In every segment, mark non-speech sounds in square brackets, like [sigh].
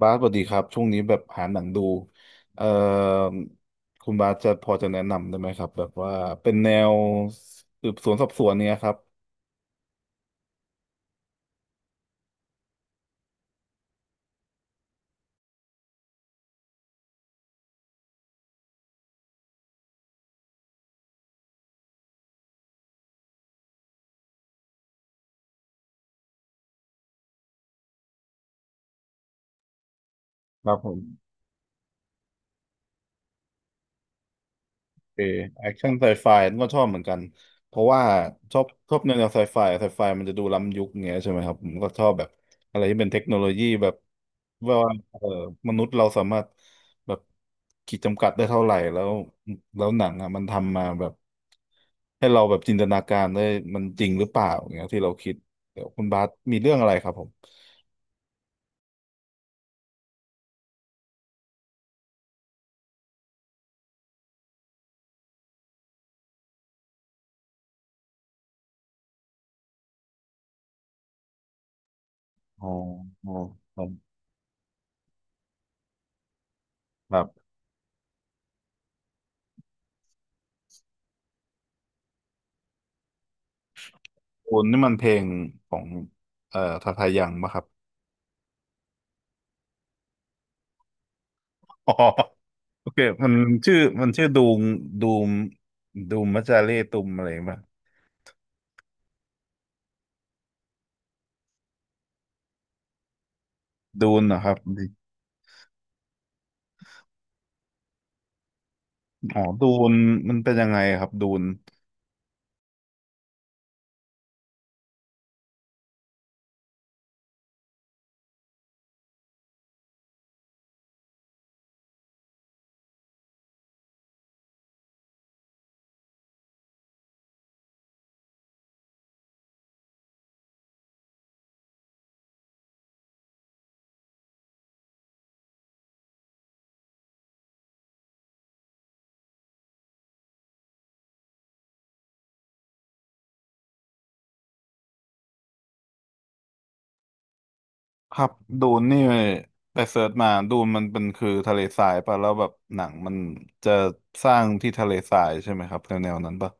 บาสสวัสดีครับช่วงนี้แบบหาหนังดูเอ่อคุณบาสจะพอจะแนะนำได้ไหมครับแบบว่าเป็นแนวสืบสวนสอบสวนเนี้ยครับครับผม เออแอคชั่นไซไฟก็ชอบเหมือนกันเพราะว่าชอบแนวไซไฟมันจะดูล้ำยุคเงี้ยใช่ไหมครับผมก็ชอบแบบอะไรที่เป็นเทคโนโลยีแบบว่าเออมนุษย์เราสามารถแบบขีดจำกัดได้เท่าไหร่แล้วแล้วหนังอ่ะมันทำมาแบบให้เราแบบจินตนาการได้มันจริงหรือเปล่าเงี้ยที่เราคิดเดี๋ยวคุณบาสมีเรื่องอะไรครับผมอ๋ออ๋อครับครับคุณนี่มันเพลงของทาทายังปะครับ อ๋อโอเคมันชื่อดูมดูมดูมมัจจาเรตุมอะไรป่ะดูนเหรอครับดิอ๋อดูนมันเป็นยังไงครับดูนครับดูนนี่ไปเสิร์ชมาดูนมันเป็นคือทะเลทรายป่ะแล้วแบบหนังมันจะสร้างที่ทะเลทรายใช่ไหมครับแนวนั้นป่ะ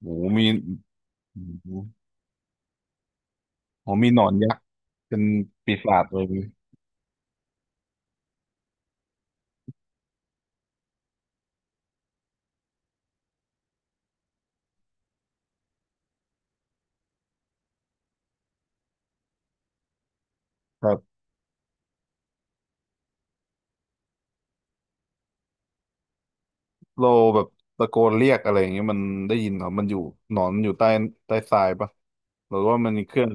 โอ้โหมีโอ้โหมีหนอนยักษ์เป็นปีศาจเลยครับ เราแบบตะโกนเรียกอะไรอย่างเงี้ยมันได้ยินเหรอมันอยู่หนอนมันอยู่ใต้ใต้ทรายปะหรือว่ามันมีเครื่อง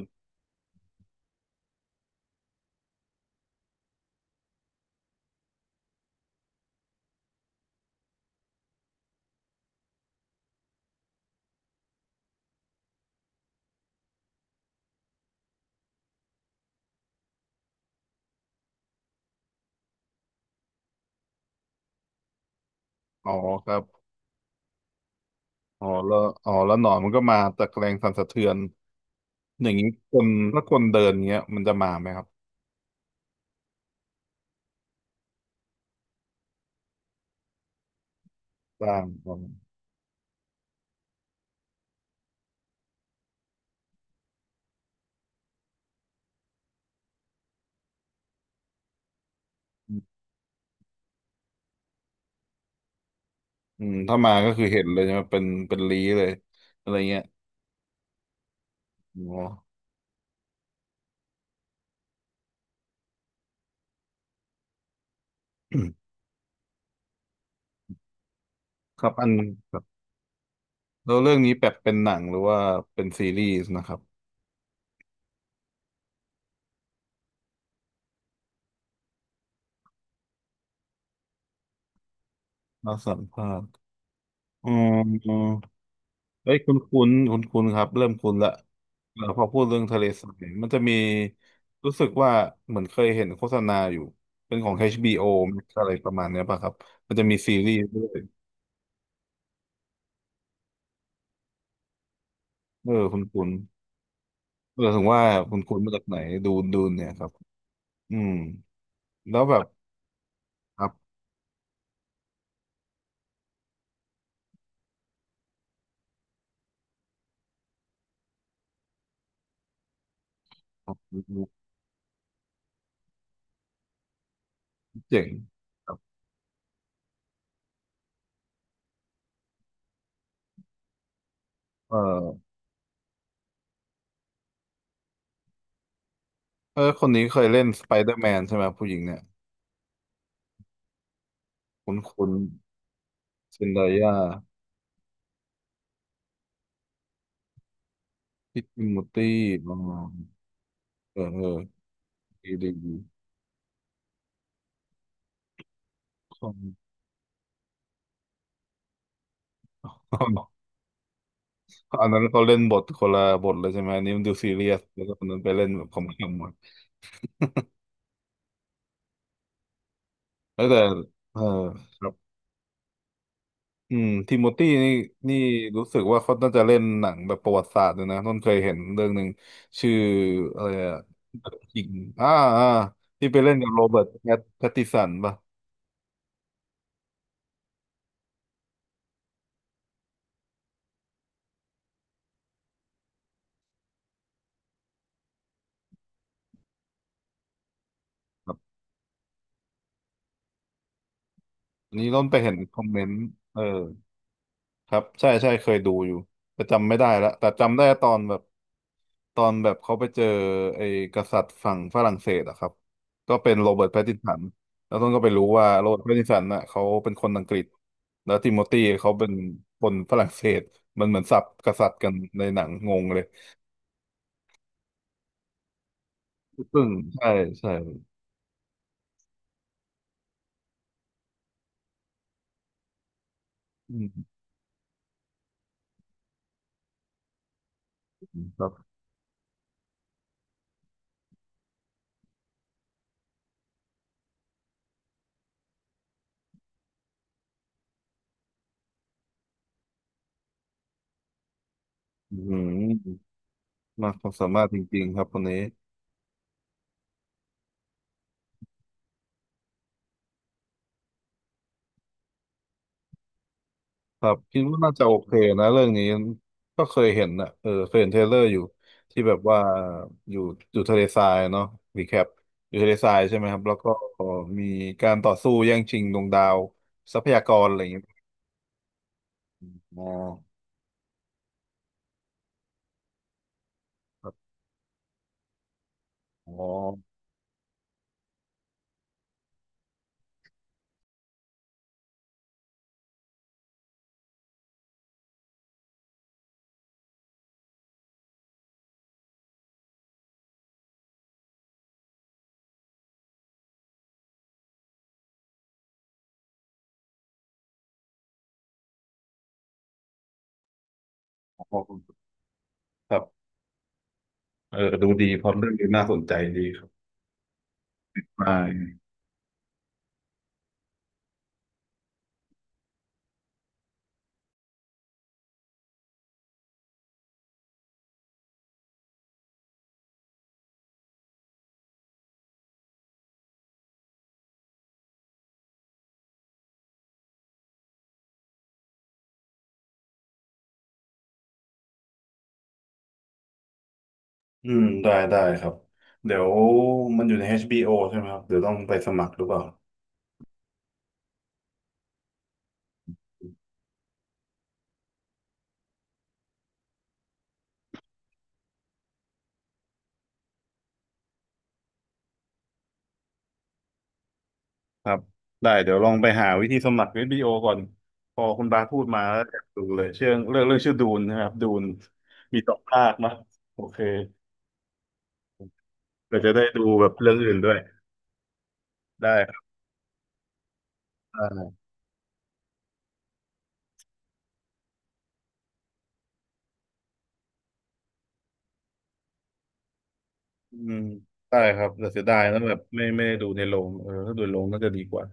อ๋อครับอ๋อแล้วอ๋อแล้วหนอนมันก็มาตะแกรงสั่นสะเทือนอย่างงี้คนถ้าคนเดินเงี้ยมันจะมาไหมครับร่างของอืมถ้ามาก็คือเห็นเลยใช่ไหมเป็นเป็นลี้เลยอะไรเงี้ยอ๋อ [clears throat] ครับอันครับแล้วเรื่องนี้แบบเป็นหนังหรือว่าเป็นซีรีส์นะครับน่าสัมภาษณ์อืม เอ้ยคุ้นคุ้นคุ้นคุ้นๆครับเริ่มคุ้นละเออพอพูดเรื่องทะเลทรายมันจะมีรู้สึกว่าเหมือนเคยเห็นโฆษณาอยู่เป็นของ HBO อชบีโออะไรประมาณเนี้ยป่ะครับมันจะมีซีรีส์ด้วยเออคุ้นคุ้นเออถึงว่าคุ้นคุ้นมาจากไหนดูดูเนี่ยครับอืมแล้วแบบครับเจ๋งครับเออเออคนนี้เคยเล่นสไปเดอร์แมนใช่ไหมผู้หญิงเนี่ยคุ้นคุ้นเซนไดยาพิตติมูตี้อ๋อเออเออดีดีดีของ [laughs] อันนั้นเขาเล่นบทคนละบทเลยใช่ไหมอันนี้มันดูซีเรียสแล้วก็คนนั้นไปเล่นแบบขำๆหมดแล้วแต่เออครับอืมทิโมธีนี่นี่รู้สึกว่าเขาน่าจะเล่นหนังแบบประวัติศาสตร์เลยนะต้นเคยเห็นเรื่องหนึ่งชื่ออะไรอะหญิงอ่าอ่าที่ไปเล่นกับโรเบิร์ตแพตตินสันป่ะครับอันนี้ต้นไปเห็นคอมเมนต์เออ ครับใช่ใช่เคยดูอยู่แต่จำไม่ได้ละแต่จำได้ตอนแบบเขาไปเจอไอ้กษัตริย์ฝั่งฝรั่งเศสอะครับก็เป็นโรเบิร์ตแพตตินสันแล้วต้นก็ไปรู้ว่าโรเบิร์ตแพตตินสันน่ะเขาเป็นคนอังกฤษแล้วติโมธีเขาเป็นคนฝรั่งเศสมันเหมือนสับกษัตริย์กันในหนังงงเลยซึ่งใช่ใช่อืมครับอืมมากความสามารถจริงๆครับคนนี้ ครับคิดว่าน่าจะโอเคนะเรื่องนี้ก็เคยเห็นนะเออเคยเห็นเทรลเลอร์อยู่ที่แบบว่าอยู่อยู่ทะเลทรายเนาะรีแคปอยู่ทะเลทรายใช่ไหมครับแล้วก็มีการต่อสู้แย่งชิงดวงดาวทรัพยากรอะไรอย่างเงี้ยอ๋อครับอ๋อครับเออดูดีพล็อตเรื่องนี้น่าสนใจดีครับได้อืมได้ได้ครับเดี๋ยวมันอยู่ใน HBO ใช่ไหมครับเดี๋ยวต้องไปสมัครหรือเปล่า ครับได้เดี๋ยวลองไปหาวิธีสมัคร HBO ก่อนพอคุณบาสพูดมาแล้วอยากดูเลยเชื่องเรื่องเรื่องชื่อดูนนะครับดูนมี2 ภาคนะโอเคเดี๋ยวจะได้ดูแบบเรื่องอื่นด้วยได้ครับได้อืมได้ครับแต่เสียดายนะแบบไม่ได้ดูในโรงเออถ้าดูในโรงน่าจะดีกว่า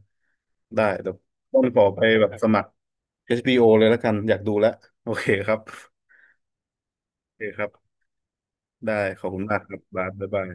ได้เดี๋ยวต้องขอไปแบบสมัคร HBO เลยแล้วกันอยากดูแล้วโอเคครับโอเคครับได้ขอบคุณมากครับบาสบ๊ายบาย